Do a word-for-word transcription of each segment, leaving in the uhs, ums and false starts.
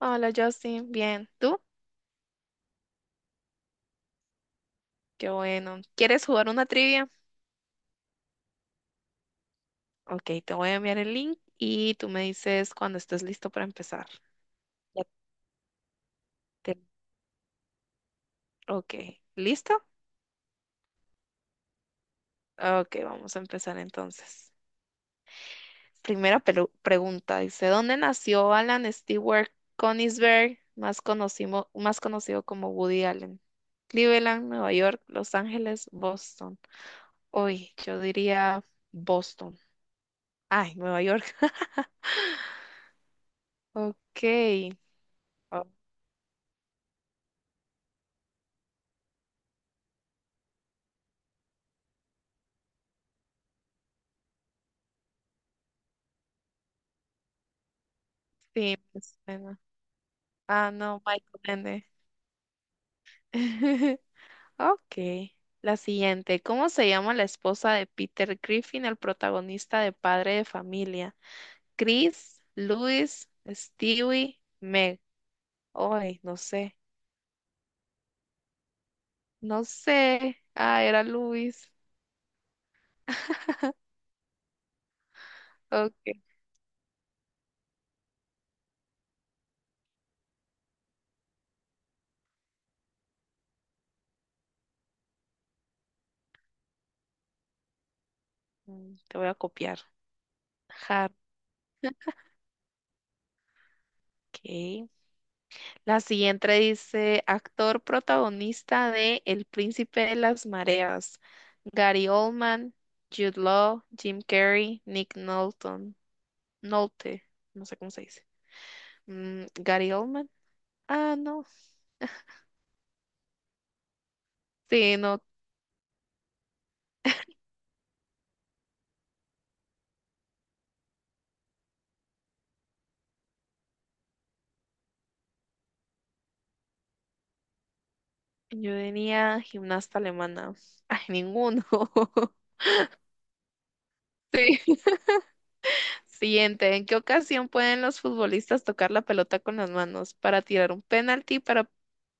Hola Justin, bien. ¿Tú? Qué bueno. ¿Quieres jugar una trivia? Ok, te voy a enviar el link y tú me dices cuando estés listo para empezar. Ya te- Ok, ¿listo? Ok, vamos a empezar entonces. Primera pelu- pregunta, dice, ¿dónde nació Alan Stewart Konisberg, más conocido, más conocido como Woody Allen? Cleveland, Nueva York, Los Ángeles, Boston. Uy, yo diría Boston. Ay, Nueva York. Ok. Sí, pues bueno. Ah, no, Michael Ende. Ok. La siguiente. ¿Cómo se llama la esposa de Peter Griffin, el protagonista de Padre de Familia? Chris, Luis, Stewie, Meg. Ay, no sé. No sé. Ah, era Luis. Ok. Mm, Te voy a copiar. Har- Ok. La siguiente dice, actor protagonista de El Príncipe de las Mareas, Gary Oldman, Jude Law, Jim Carrey, Nick Nolte, Nolte, no sé cómo se dice. Mm, Gary Oldman. Ah, no. Sí, no. Yo tenía gimnasta alemana. Ay, ninguno. Sí. Siguiente, ¿en qué ocasión pueden los futbolistas tocar la pelota con las manos para tirar un penalti, para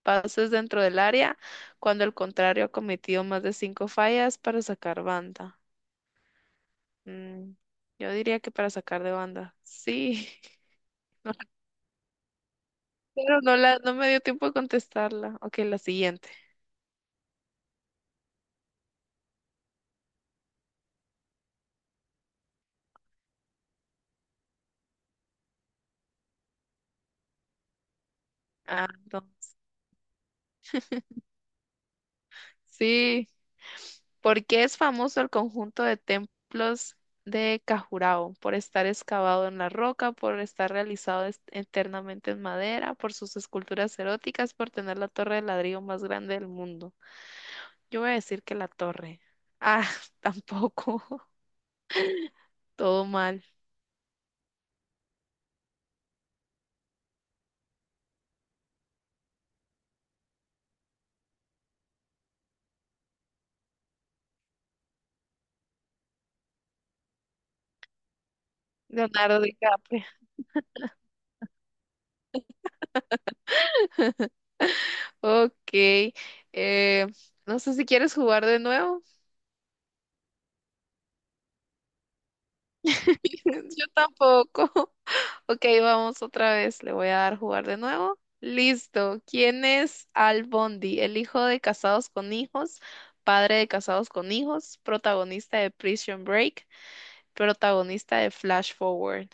pases dentro del área, cuando el contrario ha cometido más de cinco fallas para sacar banda? Mm, yo diría que para sacar de banda. Sí, pero no la, no me dio tiempo de contestarla. Ok, la siguiente. Ah, no. Sí. ¿Por qué es famoso el conjunto de templos de Cajurao? Por estar excavado en la roca, por estar realizado es- eternamente en madera, por sus esculturas eróticas, por tener la torre de ladrillo más grande del mundo. Yo voy a decir que la torre. Ah, tampoco. Todo mal. Leonardo DiCaprio. Ok. eh, no sé si quieres jugar de nuevo. Yo tampoco. Ok, vamos otra vez. Le voy a dar jugar de nuevo. Listo. ¿Quién es Al Bundy? El hijo de Casados con Hijos, padre de Casados con Hijos, protagonista de Prison Break, protagonista de Flash Forward.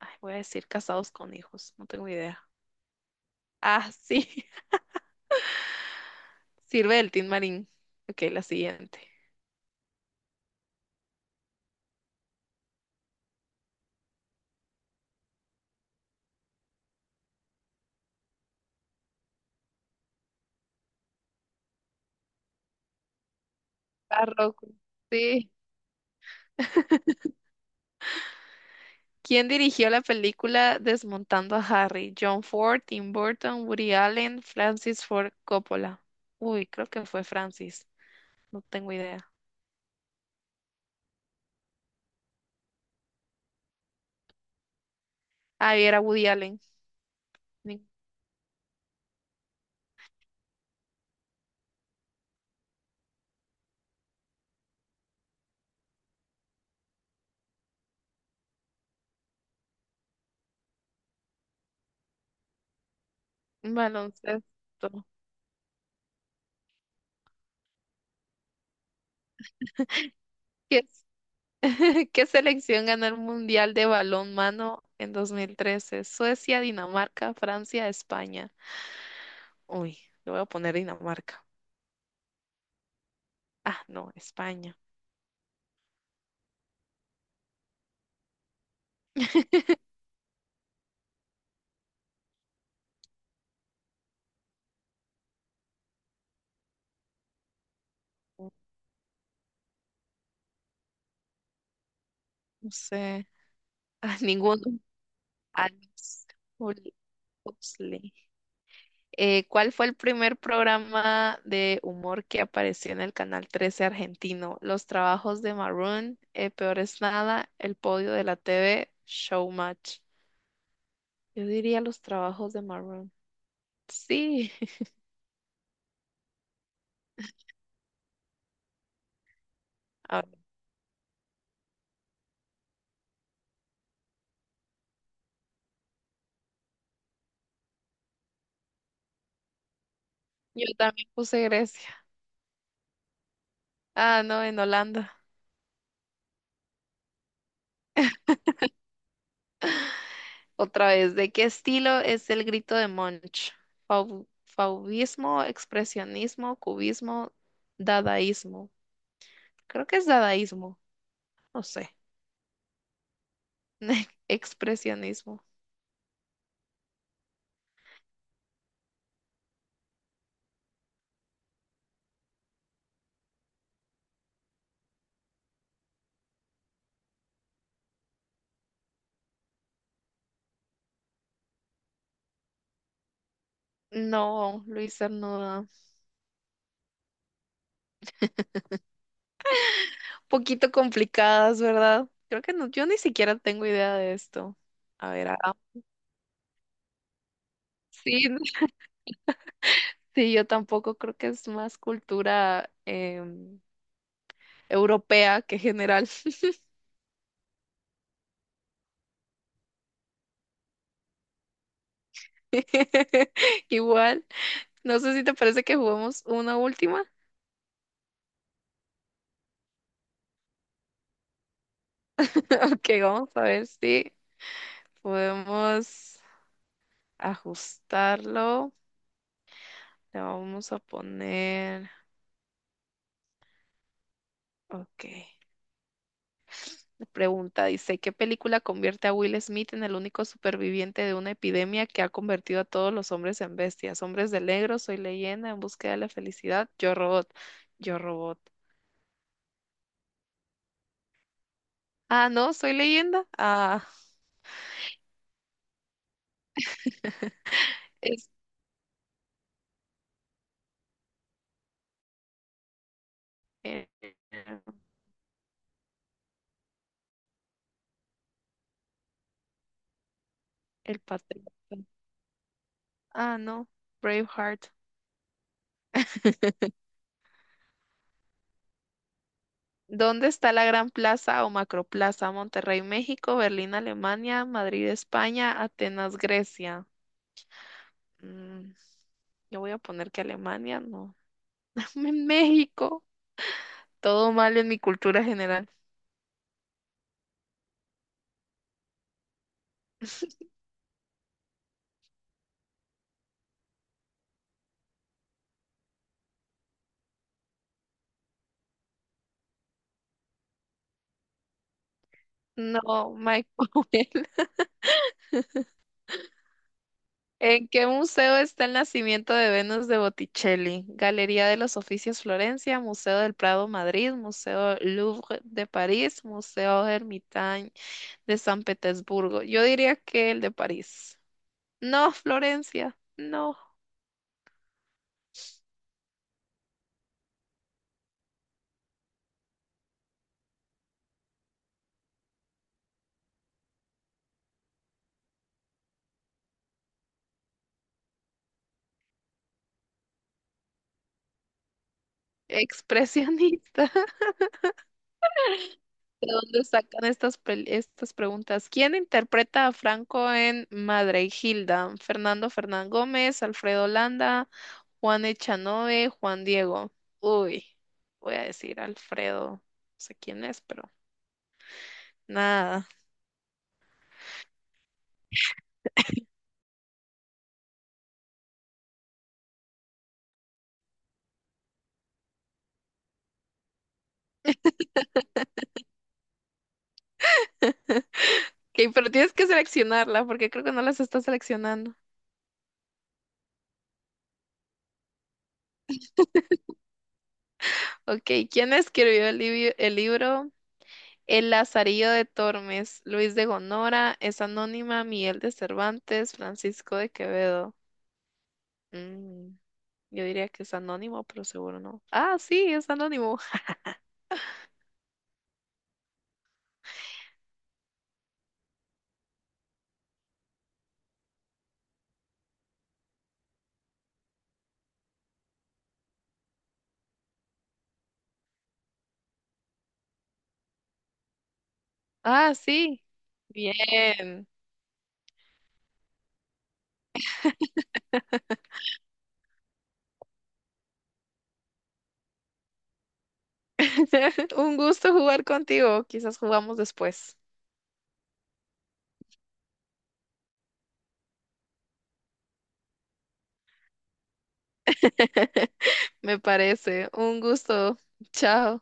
Ay, voy a decir Casados con Hijos, no tengo idea. Ah, sí. Sirve del Tin Marín. Ok, la siguiente. Está rojo. Sí. ¿Quién dirigió la película Desmontando a Harry? John Ford, Tim Burton, Woody Allen, Francis Ford Coppola. Uy, creo que fue Francis. No tengo idea. Ah, y era Woody Allen. Ni- Baloncesto. ¿Qué, es- ¿Qué selección ganó el Mundial de Balonmano en dos mil trece? Suecia, Dinamarca, Francia, España. Uy, le voy a poner Dinamarca. Ah, no, España. No sé. Ah, ninguno. Alex Ol- Oxley. Eh, ¿cuál fue el primer programa de humor que apareció en el canal trece argentino? Los trabajos de Maroon, eh, Peor es nada, El podio de la T V, Showmatch. Yo diría los trabajos de Maroon. Sí, A ver, yo también puse Grecia. Ah, no, en Holanda. Otra vez, ¿de qué estilo es el grito de Munch? Fau- fauvismo, expresionismo, cubismo, dadaísmo. Creo que es dadaísmo, no sé. Expresionismo. No, Luisa, no. Da. Poquito complicadas, ¿verdad? Creo que no, yo ni siquiera tengo idea de esto. A ver, ah, sí, sí, yo tampoco creo que es más cultura em, europea que general. Igual, no sé si te parece que juguemos una última. Ok, vamos a ver si podemos ajustarlo. Le vamos a poner, ok. Pregunta, dice, ¿qué película convierte a Will Smith en el único superviviente de una epidemia que ha convertido a todos los hombres en bestias? Hombres de negro, Soy leyenda, En búsqueda de la felicidad, Yo Robot, Yo Robot. Ah, no, Soy leyenda. Ah, es eh, El Patriota. Ah, no, Braveheart. ¿Dónde está la Gran Plaza o Macroplaza? Monterrey, México, Berlín, Alemania, Madrid, España, Atenas, Grecia. Mm, yo voy a poner que Alemania, no. En México. Todo mal en mi cultura general. No, Michael. ¿En qué museo está el nacimiento de Venus de Botticelli? Galería de los Oficios Florencia, Museo del Prado Madrid, Museo Louvre de París, Museo Hermitage de San Petersburgo. Yo diría que el de París. No, Florencia, no. Expresionista. ¿De dónde sacan estas, pel- estas preguntas? ¿Quién interpreta a Franco en Madre y Hilda? Fernando Fernán Gómez, Alfredo Landa, Juan Echanove, Juan Diego. Uy, voy a decir Alfredo. No sé quién es, pero nada. Ok, pero tienes que seleccionarla porque creo que no las estás seleccionando. Ok, ¿quién escribió el, libi- el libro El Lazarillo de Tormes? Luis de Gonora, es anónima, Miguel de Cervantes, Francisco de Quevedo. Mm. Yo diría que es anónimo, pero seguro no. Ah, sí, es anónimo. Ah, sí. Bien. Un gusto jugar contigo. Quizás jugamos después. Me parece. Un gusto. Chao.